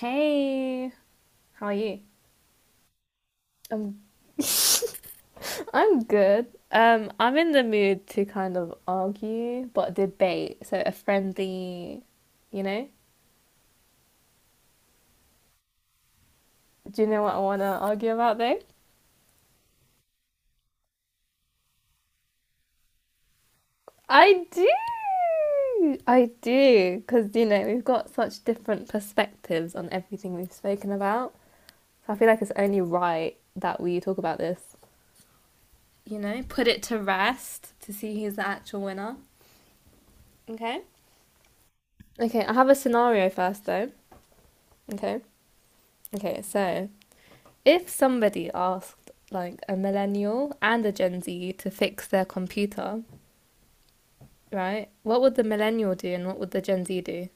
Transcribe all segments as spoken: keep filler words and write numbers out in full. Hey, how are you? Um, I'm good. Um, I'm in the mood to kind of argue, but debate. So a friendly, you know. Do you know what I want to argue about though? I do. I do, because you know we've got such different perspectives on everything we've spoken about. So I feel like it's only right that we talk about this. You know, put it to rest to see who's the actual winner. Okay? Okay, I have a scenario first though. Okay. Okay, so if somebody asked like a millennial and a Gen Z to fix their computer, right? What would the millennial do and what would the Gen Z do?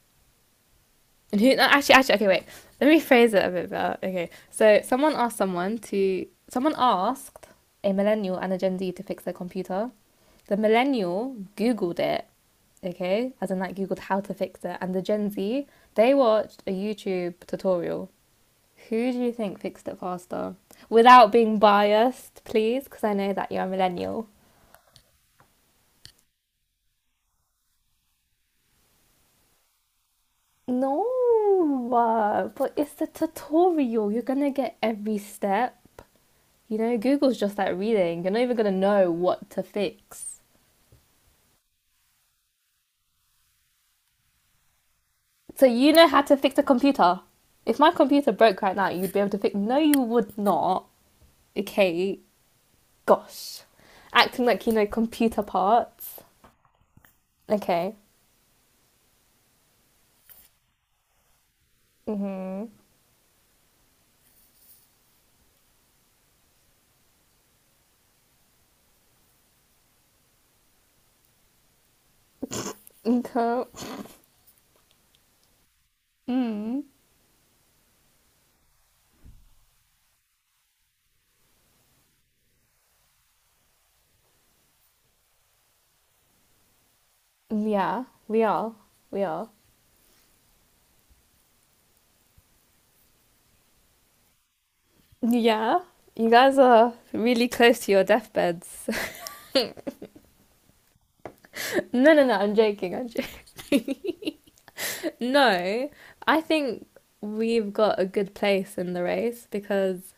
And who? No, actually, actually, okay, wait. Let me phrase it a bit better. Okay, so someone asked someone to. Someone asked a millennial and a Gen Z to fix their computer. The millennial Googled it, okay, as in like Googled how to fix it, and the Gen Z they watched a YouTube tutorial. Who do you think fixed it faster? Without being biased, please, because I know that you're a millennial. No, but it's the tutorial. You're gonna get every step. You know, Google's just like reading. You're not even going to know what to fix. So you know how to fix a computer. If my computer broke right now, you'd be able to fix. No, you would not. Okay, gosh, acting like you know computer parts. Okay. Mhm. Okay. Mm. Yeah, we are. We are. Yeah. You guys are really close to your deathbeds. no, no, no. I'm joking. I'm joking. No, I think we've got a good place in the race because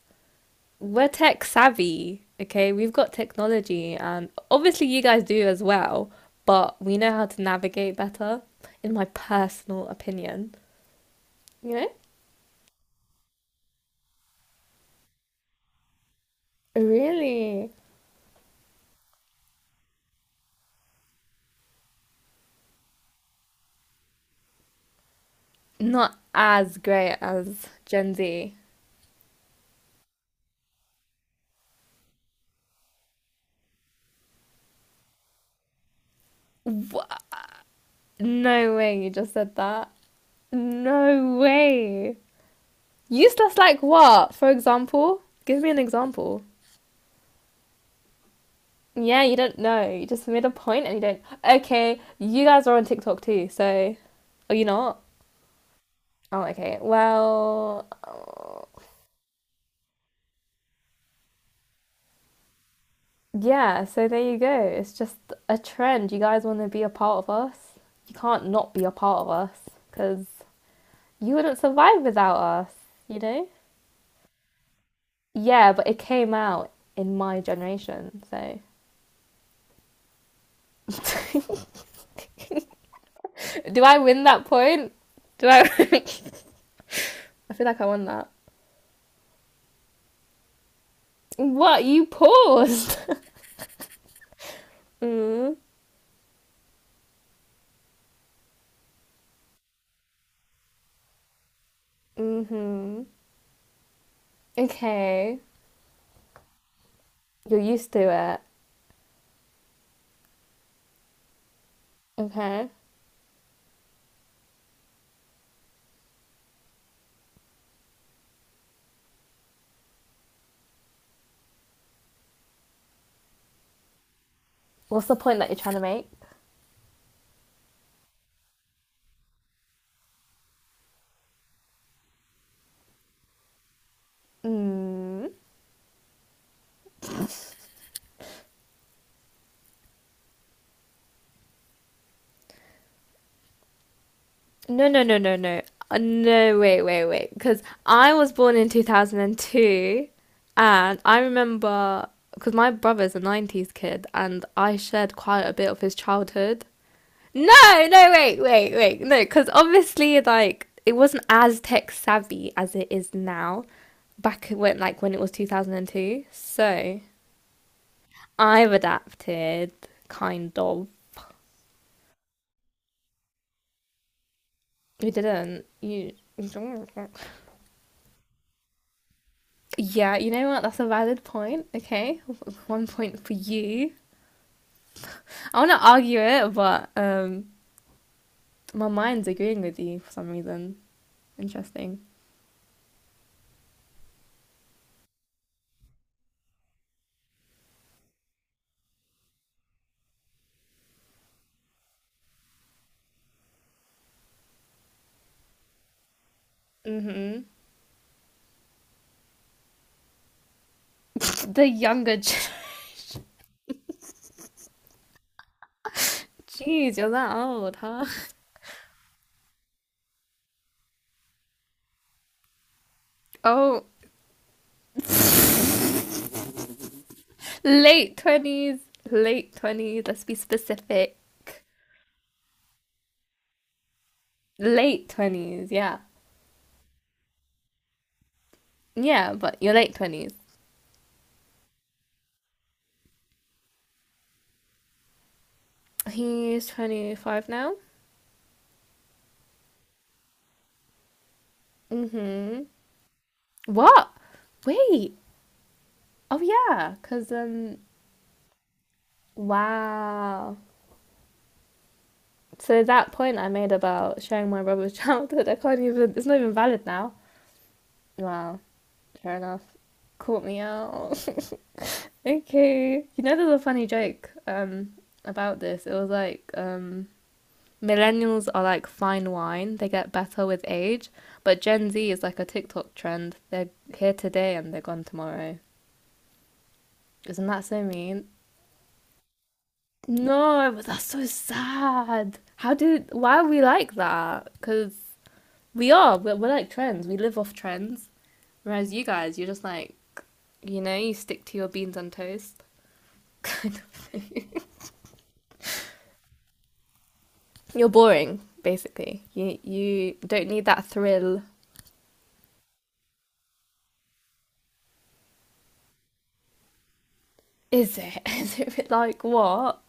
we're tech savvy, okay? We've got technology, and obviously, you guys do as well, but we know how to navigate better, in my personal opinion. You know? Really? Not as great as Gen Z. Wha- No way you just said that. No way. Useless like what? For example? Give me an example. Yeah, you don't know. You just made a point and you don't. Okay, you guys are on TikTok too, so are you not? Oh, okay. Well, uh, yeah, so there you go. It's just a trend. You guys want to be a part of us? You can't not be a part of us because you wouldn't survive without us, you know? Yeah, but it came out in my generation, so. Do I win that point? Do I? I feel like I won that. What? You paused? mm. Mm-hmm. Okay. You're used to it. Okay. What's the point that you're trying to make? Mm. No, no, no, no, no. Uh, no, wait, wait, wait. Because I was born in two thousand two, and two, and I remember because my brother's a nineties kid, and I shared quite a bit of his childhood. No, no, wait, wait, wait. No, because obviously, like, it wasn't as tech savvy as it is now back when, like, when it was two thousand two. So, I've adapted, kind of. You didn't. You. Yeah, you know what? That's a valid point. Okay, one point for you. I want to argue it, but um, my mind's agreeing with you for some reason. Interesting. Mm-hmm. The younger. gen- Jeez, you're that old, huh? Oh, late twenties, late twenties. Let's be specific. Late twenties, yeah, yeah. But you're late twenties. He's twenty five now. Mm-hmm. What? Wait. Oh yeah. Cause um wow. So that point I made about sharing my brother's childhood, I can't even it's not even valid now. Wow. Fair enough. Caught me out. Okay. You know there's a funny joke um about this. It was like um millennials are like fine wine. They get better with age, but Gen Z is like a TikTok trend. They're here today and they're gone tomorrow. Isn't that so mean? No, but that's so sad. How do why are we like that? Because we are we're, we're like trends. We live off trends, whereas you guys, you're just like, you know, you stick to your beans on toast. You're boring, basically. You you don't need that thrill. Is it? Is it like what?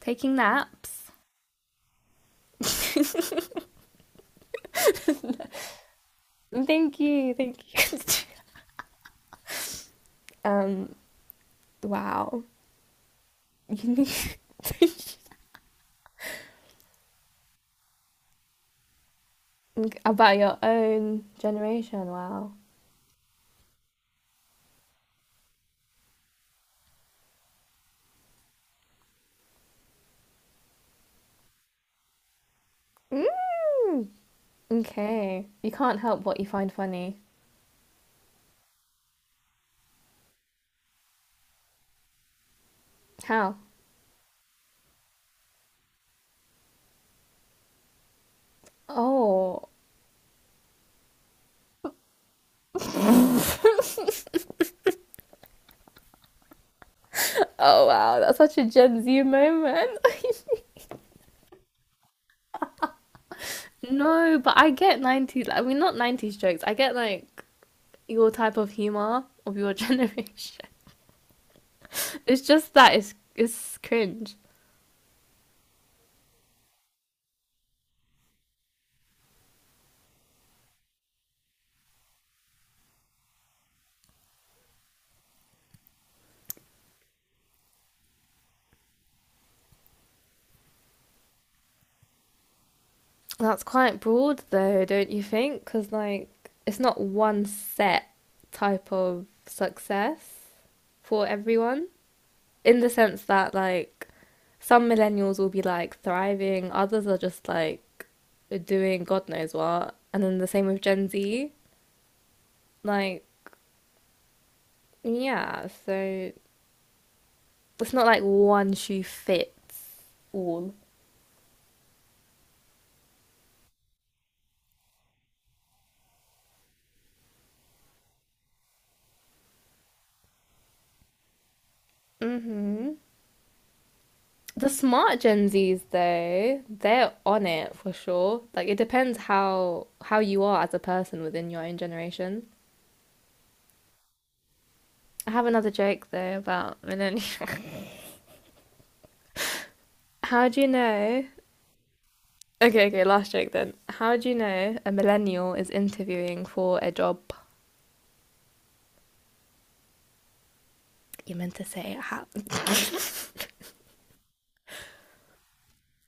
Taking naps. Thank you, thank you. um, wow. You need to think about your own generation. Wow. Hmm. Okay. You can't help what you find funny. How? Oh. Oh wow, that's such a Gen Z moment. No, but I get nineties, I mean not nineties jokes. I get like your type of humor of your generation. It's just that it's it's cringe. That's quite broad though, don't you think? Because like it's not one set type of success for everyone. In the sense that like some millennials will be like thriving, others are just like doing God knows what, and then the same with Gen Z. Like, yeah, so it's not like one shoe fits all. Hmm. The smart Gen Zs though, they're on it for sure. Like it depends how how you are as a person within your own generation. I have another joke though about millennials. how do you know Okay, okay, last joke then. How do you know a millennial is interviewing for a job? You meant to say it how.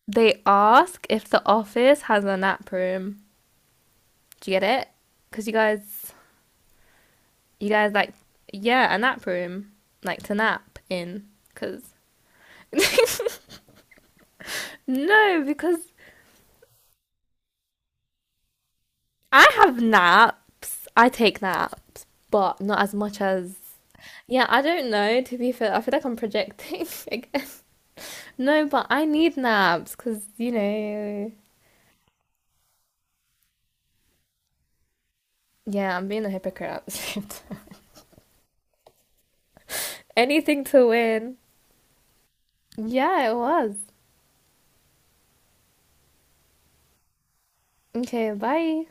They ask if the office has a nap room. Do you get it? Because you guys, you guys like, yeah, a nap room. Like to nap in. Because, no, because I have naps. I take naps, but not as much as. Yeah, I don't know, to be fair. I feel like I'm projecting again. No, but I need naps because, you know, Yeah, I'm being a hypocrite at the same time. Anything to win. Yeah, it was. Okay, bye.